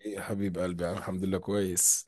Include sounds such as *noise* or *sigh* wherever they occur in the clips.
ايه يا حبيب قلبي، انا الحمد لله كويس.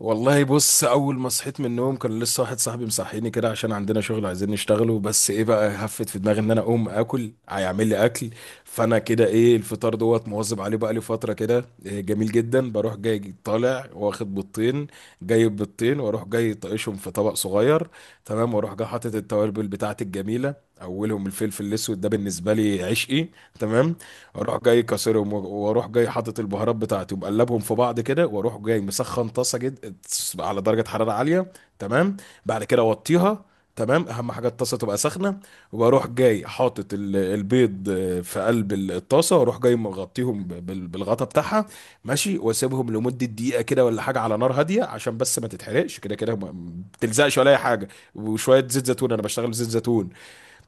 والله بص، اول ما صحيت من النوم كان لسه واحد صاحبي مصحيني كده، عشان عندنا شغل عايزين نشتغله. بس ايه بقى، هفت في دماغي ان انا اقوم اكل، هيعمل لي اكل. فانا كده ايه، الفطار دوت مواظب عليه بقى لي فتره كده. إيه جميل جدا، بروح جاي طالع واخد بيضتين. جايب بيضتين واروح جاي طايشهم في طبق صغير. تمام. واروح جاي حاطط التوابل بتاعتي الجميله. اولهم الفلفل الاسود، ده بالنسبه لي عشقي. تمام. اروح جاي كسرهم واروح جاي حاطط البهارات بتاعتي ومقلبهم في بعض كده، واروح جاي مسخن طاسه جد على درجه حراره عاليه. تمام. بعد كده اوطيها. تمام، اهم حاجه الطاسه تبقى سخنه. وبروح جاي حاطط البيض في قلب الطاسه، واروح جاي مغطيهم بالغطا بتاعها. ماشي، واسيبهم لمده دقيقه كده ولا حاجه على نار هاديه، عشان بس ما تتحرقش، كده كده ما بتلزقش ولا اي حاجه. وشويه زيت زيتون، انا بشتغل بزيت زيتون.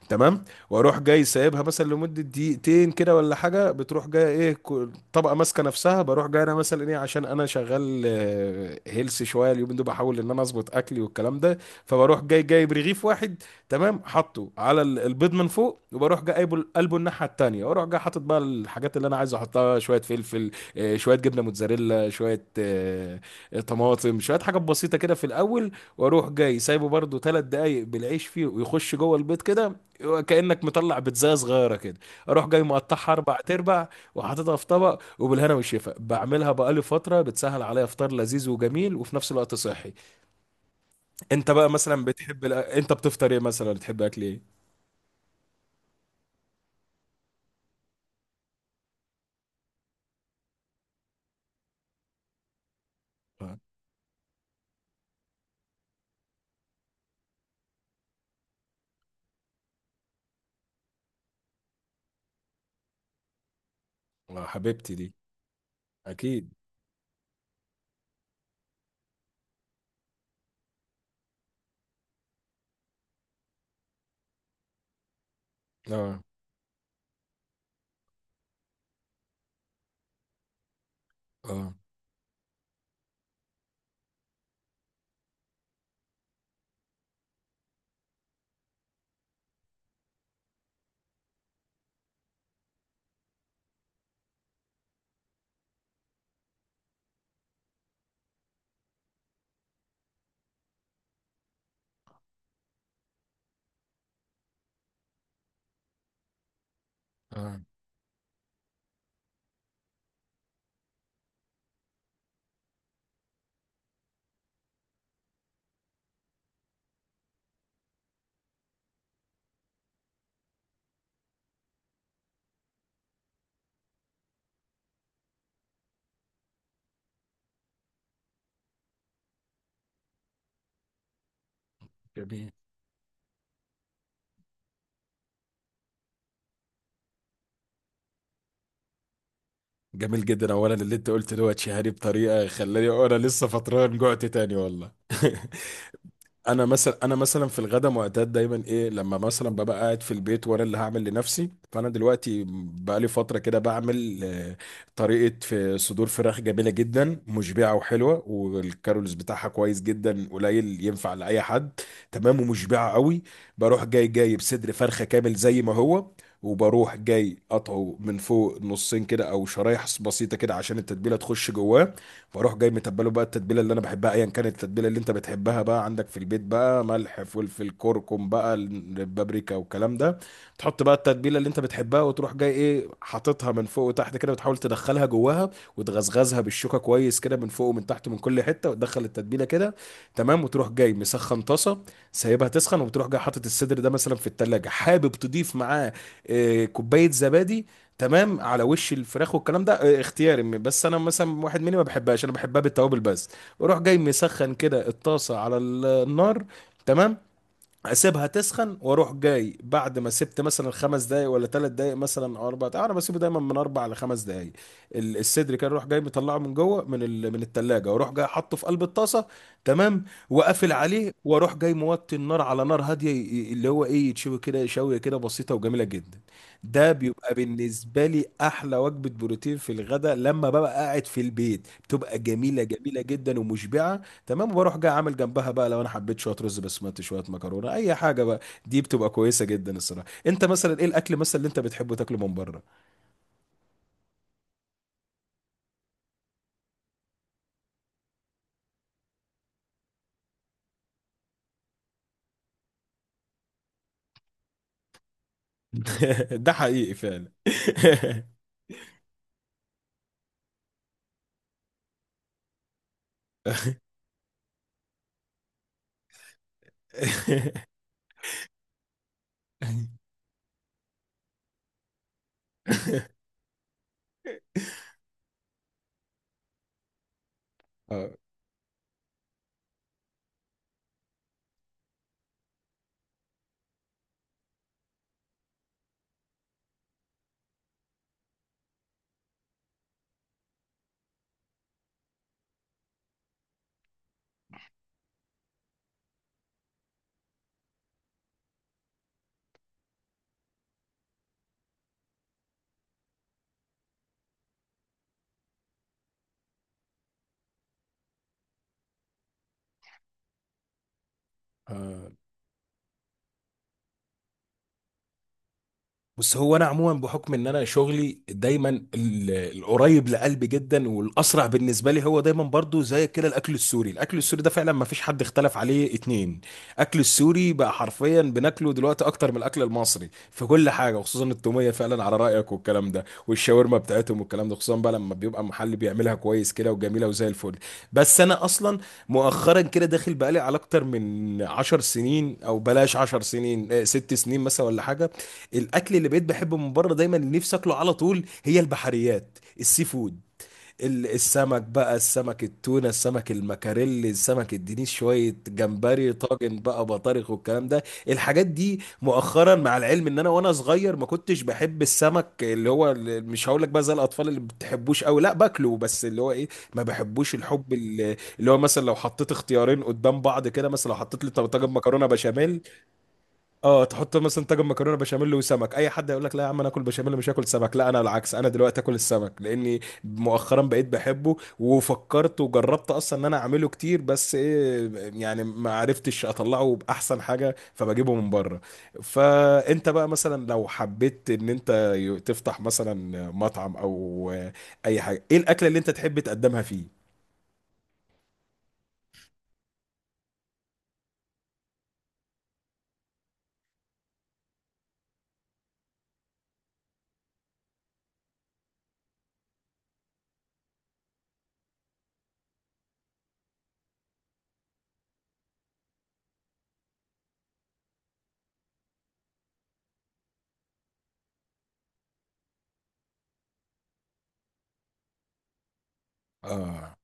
تمام. واروح جاي سايبها مثلا لمده دقيقتين كده ولا حاجه، بتروح جايه ايه طبقه ماسكه نفسها. بروح جاي انا مثلا ايه، عشان انا شغال هيلث شويه اليومين دول، بحاول ان انا اظبط اكلي والكلام ده. فبروح جاي جايب رغيف واحد. تمام، حاطه على البيض من فوق، وبروح جاي قلبه قلبه الناحيه التانيه، واروح جاي حاطط بقى الحاجات اللي انا عايز احطها، شويه فلفل، شويه جبنه موتزاريلا، شويه طماطم، شويه حاجات بسيطه كده في الاول. واروح جاي سايبه برده 3 دقايق بالعيش فيه ويخش جوه البيض كده، كأنك مطلع بيتزاية صغيرة كده. اروح جاي مقطعها 4 تربع، وحاططها في طبق وبالهنا والشفا. بعملها بقالي فترة، بتسهل عليا فطار لذيذ وجميل وفي نفس الوقت صحي. انت بقى مثلا بتحب انت بتفطر ايه؟ مثلا بتحب اكل ايه؟ اه. آه، حبيبتي دي. اكيد. اه، اه، اه. جميل. جميل جدا، اولا اللي انت قلت دوت شهري بطريقة، خلاني انا لسه فطران جوعت تاني والله. *laughs* انا مثلا في الغدا معتاد دايما ايه، لما مثلا ببقى قاعد في البيت وانا اللي هعمل لنفسي. فانا دلوقتي بقالي فتره كده بعمل طريقه في صدور فراخ جميله جدا، مشبعه وحلوه، والكارولز بتاعها كويس جدا قليل، ينفع لاي حد. تمام، ومشبعه قوي. بروح جاي جايب صدر فرخه كامل زي ما هو، وبروح جاي قطعه من فوق نصين كده او شرايح بسيطه كده، عشان التتبيله تخش جواه. فاروح جاي متبله بقى، التتبيله اللي انا بحبها ايا كانت، التتبيله اللي انت بتحبها بقى عندك في البيت، بقى ملح، فلفل، كركم بقى، البابريكا والكلام ده. تحط بقى التتبيله اللي انت بتحبها، وتروح جاي ايه، حاططها من فوق وتحت كده، بتحاول تدخلها جواها، وتغزغزها بالشوكه كويس كده من فوق ومن تحت من كل حته، وتدخل التتبيله كده. تمام، وتروح جاي مسخن طاسه، سايبها تسخن، وبتروح جاي حاطط الصدر ده مثلا في التلاجة، حابب تضيف معاه كوبايه زبادي. تمام، على وش الفراخ والكلام ده، اختياري. بس انا مثلا واحد مني ما بحبهاش، انا بحبها بالتوابل بس. بروح جاي مسخن كده الطاسه على النار. تمام، اسيبها تسخن، واروح جاي بعد ما سبت مثلا 5 دقايق ولا 3 دقايق مثلا او 4 دقايق، انا بسيبه دايما من اربع لخمس دقايق. الصدر كان اروح جاي مطلعه من جوه من من الثلاجه، واروح جاي حاطه في قلب الطاسه. تمام، وقافل عليه، واروح جاي موطي النار على نار هاديه، اللي هو ايه، يتشوي كده شويه كده بسيطه وجميله جدا. ده بيبقى بالنسبه لي احلى وجبه بروتين في الغداء، لما ببقى قاعد في البيت بتبقى جميله جميله جدا ومشبعه. تمام، وبروح جاي عامل جنبها بقى، لو انا حبيت شويه رز بسمتي، شويه مكرونه، اي حاجه بقى. دي بتبقى كويسه جدا الصراحه. انت مثلا ايه الاكل مثلا اللي انت بتحبه تاكله من بره؟ *laughs* ده حقيقي فعلا. *laughs* اه. آه. بس هو انا عموما بحكم ان انا شغلي دايما، ال- القريب لقلبي جدا والاسرع بالنسبه لي هو دايما برضو زي كده الاكل السوري. الاكل السوري ده فعلا ما فيش حد اختلف عليه اتنين. اكل السوري بقى حرفيا بناكله دلوقتي اكتر من الاكل المصري في كل حاجه، وخصوصا التوميه فعلا على رايك والكلام ده، والشاورما بتاعتهم والكلام ده، خصوصا بقى لما بيبقى محل بيعملها كويس كده وجميله وزي الفل. بس انا اصلا مؤخرا كده داخل بقالي على اكتر من 10 سنين، او بلاش 10 سنين، 6 سنين مثلا ولا حاجه. الاكل اللي بقيت بحبه من بره دايما، اللي نفسي اكله على طول هي البحريات، السي فود، السمك بقى، السمك التونه، السمك المكاريلي، السمك الدنيس، شويه جمبري، طاجن بقى بطارخ والكلام ده. الحاجات دي مؤخرا، مع العلم ان انا وانا صغير ما كنتش بحب السمك، اللي هو اللي مش هقول لك بقى زي الاطفال اللي ما بتحبوش قوي لا، باكله بس اللي هو ايه، ما بحبوش الحب، اللي هو مثلا لو حطيت اختيارين قدام بعض كده، مثلا لو حطيت لي طاجن مكرونه بشاميل. اه، تحط مثلا طاجن مكرونه بشاميل وسمك، اي حد يقول لك لا يا عم انا اكل بشاميل مش هاكل سمك، لا انا العكس، انا دلوقتي اكل السمك لاني مؤخرا بقيت بحبه وفكرت وجربت اصلا ان انا اعمله كتير، بس ايه يعني ما عرفتش اطلعه باحسن حاجه فبجيبه من بره. فانت بقى مثلا لو حبيت ان انت تفتح مثلا مطعم او اي حاجه، ايه الاكله اللي انت تحب تقدمها فيه؟ اه،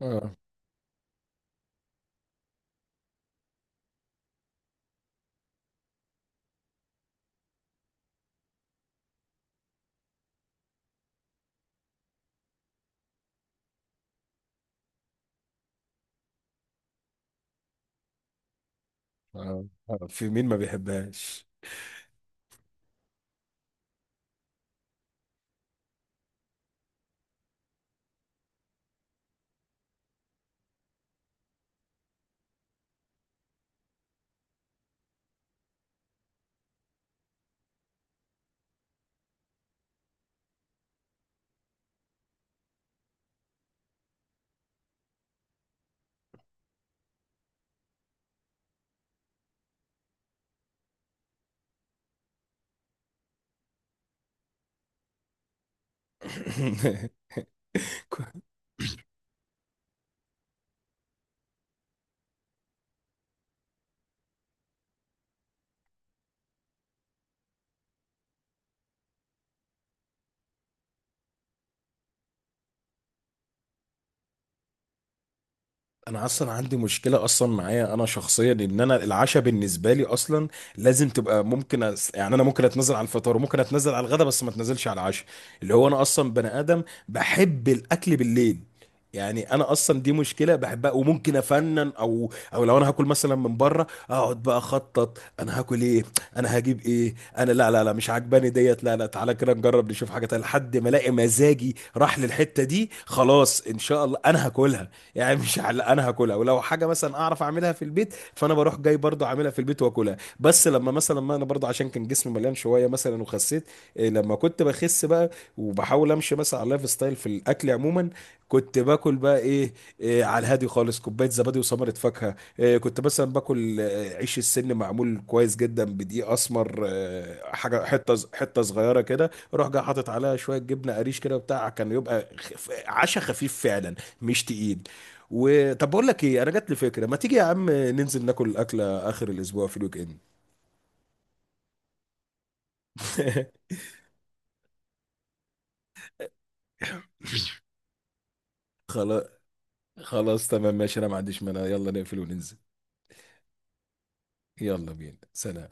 اه، اه. آه، في مين ما بيحبهاش؟ *laughs* انا اصلا عندي مشكله، اصلا معايا انا شخصيا، ان انا العشاء بالنسبه لي اصلا لازم تبقى ممكن يعني، انا ممكن اتنزل على الفطار، وممكن اتنزل على الغداء، بس ما اتنزلش على العشاء. اللي هو انا اصلا بني ادم بحب الاكل بالليل. يعني انا اصلا دي مشكله بحبها، وممكن افنن، او لو انا هاكل مثلا من بره، اقعد بقى اخطط انا هاكل ايه، انا هجيب ايه، انا لا، لا، لا، مش عجباني ديت، لا، لا، تعالى كده نجرب نشوف حاجه تانية، لحد ما الاقي مزاجي راح للحته دي، خلاص ان شاء الله انا هاكلها. يعني مش على انا هاكلها، ولو حاجه مثلا اعرف اعملها في البيت فانا بروح جاي برضو اعملها في البيت واكلها، بس لما مثلا، ما انا برضو عشان كان جسمي مليان شويه مثلا وخسيت. إيه، لما كنت بخس بقى وبحاول امشي مثلا على اللايف ستايل في الاكل عموما، كنت باكل بقى ايه، إيه على الهادي خالص، كوبايه زبادي وثمره فاكهه، إيه كنت مثلا باكل عيش السن، معمول كويس جدا بدقيق اسمر، حاجه حته حته صغيره كده، اروح جاي حاطط عليها شويه جبنه قريش كده وبتاع، كان يبقى عشا خفيف فعلا. مش تقيل. وطب بقول لك ايه، انا جات لي فكره، ما تيجي يا عم ننزل ناكل اكله اخر الاسبوع في الويك اند؟ *laughs* خلاص، خلاص تمام ماشي، انا ما عنديش مانع، يلا نقفل وننزل. يلا بينا، سلام.